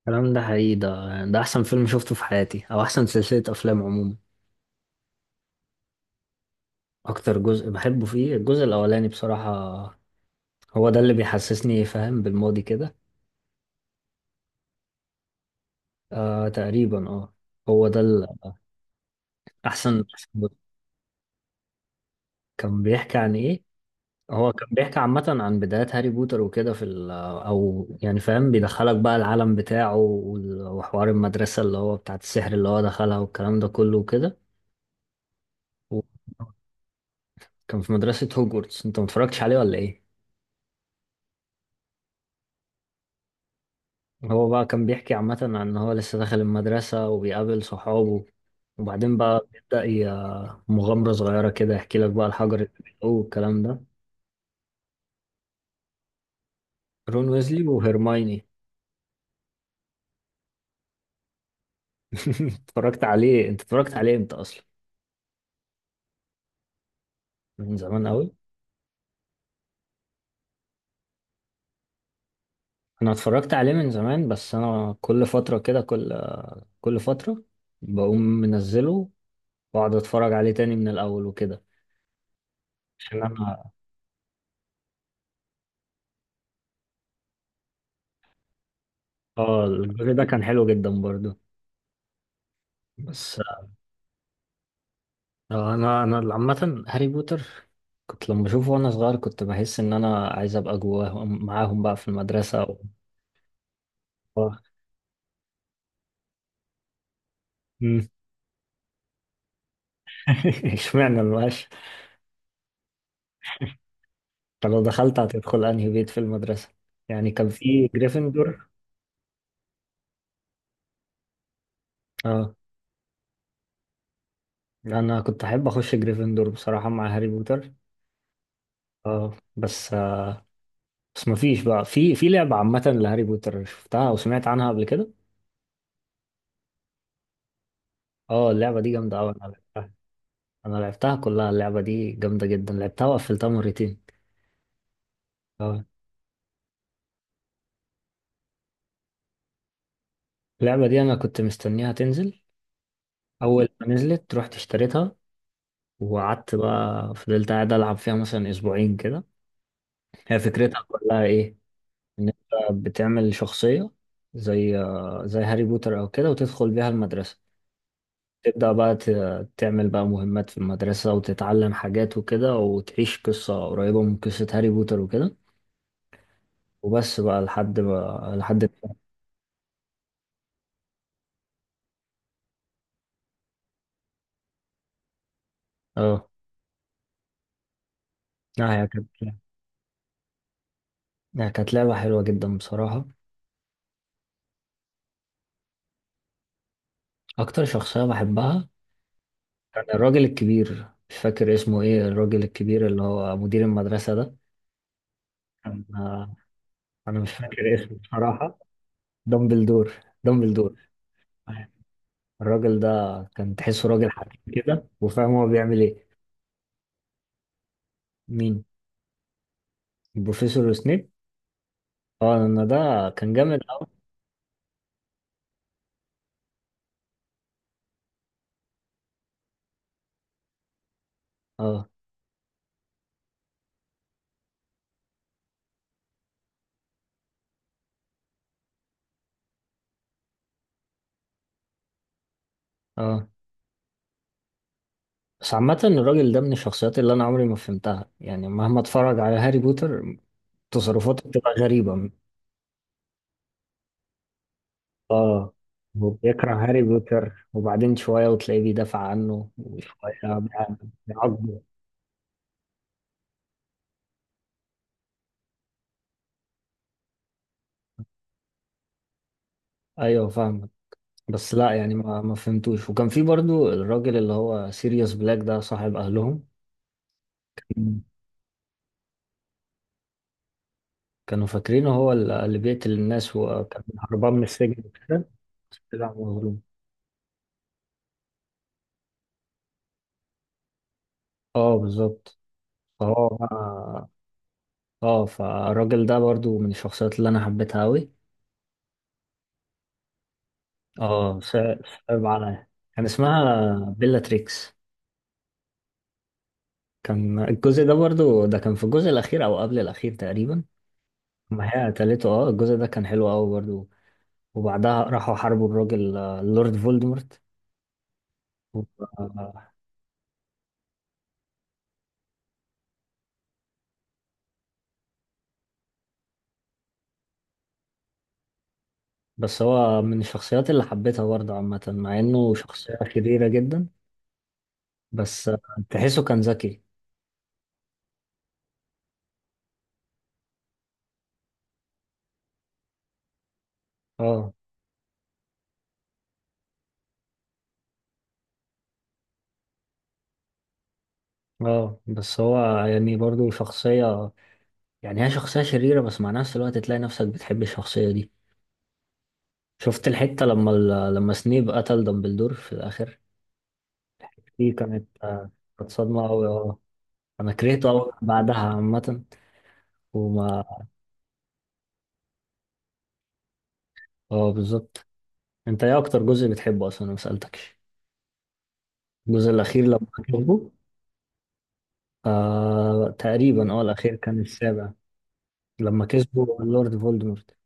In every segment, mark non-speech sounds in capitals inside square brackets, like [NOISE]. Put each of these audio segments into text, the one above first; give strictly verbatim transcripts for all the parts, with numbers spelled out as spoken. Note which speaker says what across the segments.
Speaker 1: الكلام ده حقيقي. ده ده احسن فيلم شفته في حياتي، او احسن سلسلة افلام عموما. اكتر جزء بحبه فيه الجزء الاولاني بصراحة. هو ده اللي بيحسسني فاهم بالماضي كده. آه، تقريبا، اه. هو ده الاحسن. كان بيحكي عن ايه؟ هو كان بيحكي عامة عن بدايات هاري بوتر وكده، في ال او يعني فاهم، بيدخلك بقى العالم بتاعه، وال- وحوار المدرسة اللي هو بتاعت السحر اللي هو دخلها، والكلام ده كله وكده. وكان في مدرسة هوجورتس. انت متفرجتش عليه ولا ايه؟ هو بقى كان بيحكي عامة عن إن هو لسه داخل المدرسة وبيقابل صحابه، وبعدين بقى بيبدأ ي- مغامرة صغيرة كده، يحكي لك بقى الحجر اللي بيلقوه والكلام ده. رون ويزلي وهيرمايني. [LAUGHS] اتفرجت عليه أنت، اتفرجت عليه أنت أصلا. من زمان أوي. أنا اتفرجت عليه من زمان، بس أنا كل فترة كده، كل كل فترة بقوم منزله وأقعد أتفرج عليه تاني من الأول وكده، عشان أنا. آه، الجزء ده كان حلو جدا برضه. بس آه، انا انا عامه هاري بوتر كنت لما بشوفه وانا صغير كنت بحس ان انا عايز ابقى جواهم معاهم بقى في المدرسه و. آه، مم. [LAUGHS] اشمعنى المقاش؟ طب لو دخلت هتدخل انهي بيت في المدرسه؟ يعني كان في جريفندور. اه، انا كنت احب اخش جريفندور بصراحه مع هاري بوتر. اه، بس آه، بس مفيش بقى في في لعبه عامه لهاري بوتر شفتها او سمعت عنها قبل كده؟ اه، اللعبه دي جامده قوي، انا لعبتها. انا لعبتها كلها، اللعبه دي جامده جدا، لعبتها وقفلتها مرتين. آه، اللعبة دي أنا كنت مستنيها تنزل. أول ما نزلت رحت اشتريتها، وقعدت بقى فضلت قاعد ألعب فيها مثلا أسبوعين كده. هي فكرتها كلها إيه؟ إن أنت بتعمل شخصية زي زي هاري بوتر أو كده، وتدخل بيها المدرسة، تبدأ بقى ت- تعمل بقى مهمات في المدرسة، وتتعلم حاجات وكده، وتعيش قصة قريبة من قصة هاري بوتر وكده. وبس بقى لحد بقى لحد. اه، لا هي كانت، هي كانت لعبة حلوة جدا بصراحة. أكتر شخصية بحبها كان الراجل الكبير، مش فاكر اسمه ايه، الراجل الكبير اللي هو مدير المدرسة ده. كان آه، انا مش فاكر اسمه بصراحة. دامبلدور. دامبلدور. الراجل ده كان تحسه راجل حكيم كده وفاهم هو بيعمل ايه. مين؟ البروفيسور سنيب. اه، انا ده كان جامد اوي. اه، اه، بس عامة الراجل ده من الشخصيات اللي انا عمري ما فهمتها يعني، مهما اتفرج على هاري بوتر، تصرفاته بتبقى غريبة. اه، هو بيكره هاري بوتر وبعدين شوية وتلاقيه بيدافع عنه، وشوية بيع- بيعاقبه. ايوه، فاهمك. بس لا، يعني ما ما فهمتوش، وكان في برضو الراجل اللي هو سيريوس بلاك ده صاحب اهلهم. مم. كانوا فاكرينه هو اللي اللي بيقتل الناس، وكان هربان من السجن وكده. بس طلع مظلوم. اه، بالظبط. فهو بقى، اه، فالراجل ده برضو من الشخصيات اللي انا حبيتها اوي. اه، صع- صعب عليا. كان اسمها بيلا تريكس. كان الجزء ده برضو، ده كان في الجزء الأخير أو قبل الأخير تقريبا. ما هي قتلته، اه الجزء ده كان حلو أوي برضو. وبعدها راحوا حاربوا الراجل، آه، اللورد فولدمورت. و- آه، بس هو من الشخصيات اللي حبيتها برضو عامة، مع إنه شخصية شريرة جدا. بس آه، تحسه كان ذكي. اه، اه، بس هو يعني برضو شخصية، يعني هي شخصية شريرة بس مع نفس الوقت تلاقي نفسك بتحب الشخصية دي. شفت الحتة لما ال- لما سنيب قتل دامبلدور في الآخر، دي كانت آه، كانت صدمة أوي، اه. أنا كرهته أوي بعدها عامة. وما. اه، بالظبط. أنت إيه أكتر جزء بتحبه أصلا، أنا مسألتكش؟ الجزء الأخير لما كسبه. آه، تقريبا، اه، الأخير كان السابع. لما كسبه اللورد فولدمورت.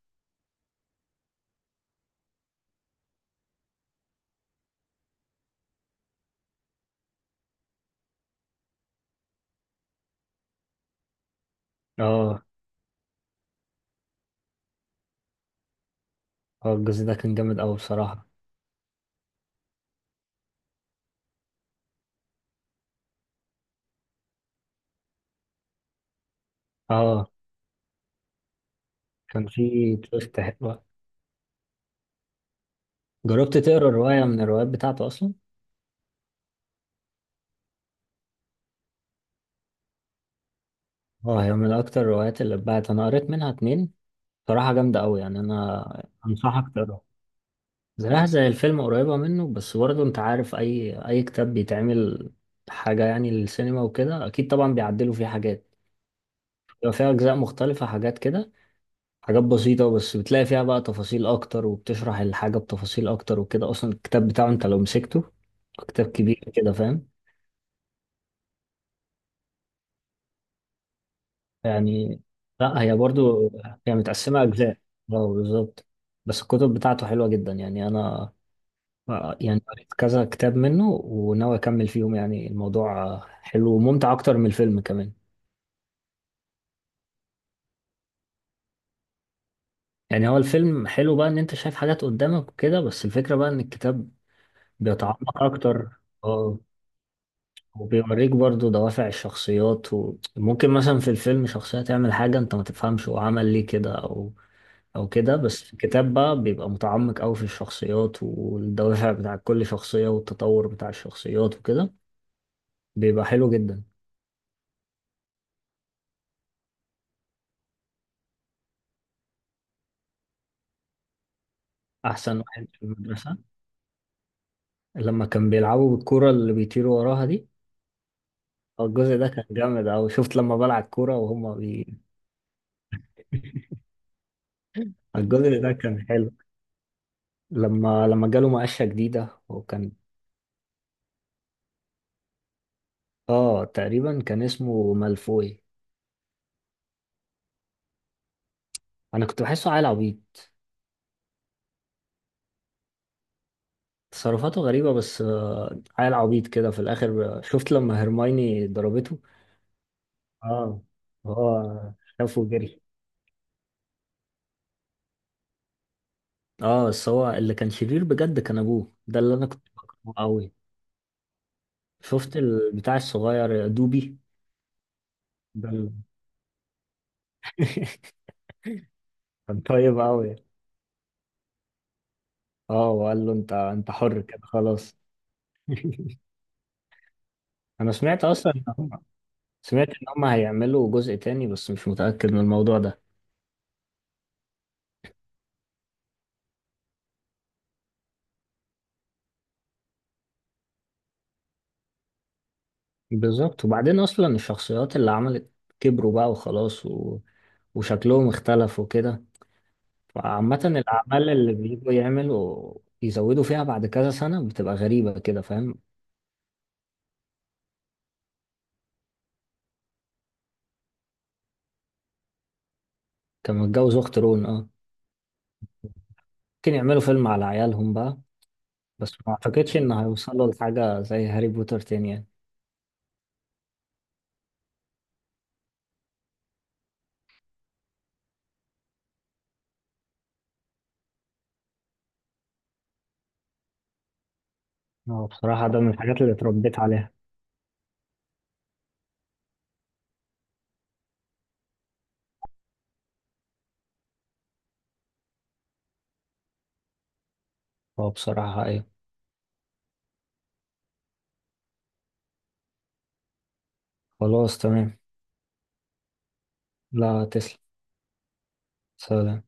Speaker 1: اه. اه، الجزء ده كان جامد أوي بصراحة. اه، كان فيه تويست حلوة. جربت تقرا رواية من الروايات بتاعته أصلا؟ اه، هي من أكتر الروايات اللي اتباعت، أنا قريت منها اتنين، صراحة جامدة أوي يعني، أنا أنصحك. زيها زي الفيلم قريبة منه، بس برضه انت عارف اي اي كتاب بيتعمل حاجة يعني للسينما وكده اكيد طبعا بيعدلوا فيه حاجات، بيبقى فيها اجزاء مختلفة، حاجات كده، حاجات بسيطة، بس بتلاقي فيها بقى تفاصيل اكتر، وبتشرح الحاجة بتفاصيل اكتر وكده. اصلا الكتاب بتاعه انت لو مسكته كتاب كبير كده، فاهم. يعني، لا هي برضه، هي متقسمة اجزاء. اه، بالظبط. بس الكتب بتاعته حلوة جدا يعني، انا آه، يعني قريت كذا كتاب منه وناوي اكمل فيهم، يعني الموضوع آه، حلو وممتع اكتر من الفيلم كمان. يعني هو الفيلم حلو بقى ان انت شايف حاجات قدامك وكده، بس الفكرة بقى ان الكتاب بيتعمق اكتر. اه، وبيوريك برضو دوافع الشخصيات، وممكن مثلا في الفيلم شخصية تعمل حاجة انت ما تفهمش هو عمل ليه كده، او او كده، بس في الكتاب بقى بيبقى متعمق قوي في الشخصيات والدوافع بتاع كل شخصية والتطور بتاع الشخصيات وكده، بيبقى حلو جدا. احسن واحد في المدرسة. لما كان بيلعبوا بالكرة اللي بيطيروا وراها دي. الجزء ده كان جامد أوي. شفت لما بلع الكرة وهما بي... [LAUGHS] الجزء ده كان حلو. لما لما جاله مقشة جديدة، وكان. اه، تقريبا كان اسمه مالفوي. أنا كنت بحسه عيل عبيط. تصرفاته غريبة، بس آه، عيل عبيط كده في الآخر. آه، شفت لما هرمايني ضربته. اه، هو شافه وجري. اه، بس هو اللي كان شرير بجد كان أبوه ده، اللي أنا كنت بكرهه أوي. شفت البتاع الصغير دوبي. ده، [LAUGHS] كان طيب قوي. اه، وقال له انت انت حر كده خلاص. [LAUGHS] انا سمعت اصلا ان هم سمعت ان هم هيعملوا جزء تاني، بس مش متأكد من الموضوع ده. بالظبط، وبعدين اصلا الشخصيات اللي عملت كبروا بقى وخلاص و، وشكلهم اختلف وكده، فعامة الاعمال اللي بيجوا يعملوا يزودوا فيها بعد كذا سنة بتبقى غريبة كده، فاهم. كان متجوز اخت رون، اه. ممكن يعملوا فيلم على عيالهم بقى. بس ما اعتقدش ان هيوصلوا لحاجة زي هاري بوتر تاني يعني. هو بصراحة ده من الحاجات اللي اتربيت عليها. هو بصراحة أيوة. خلاص، تمام. لا، تسلم. سلام.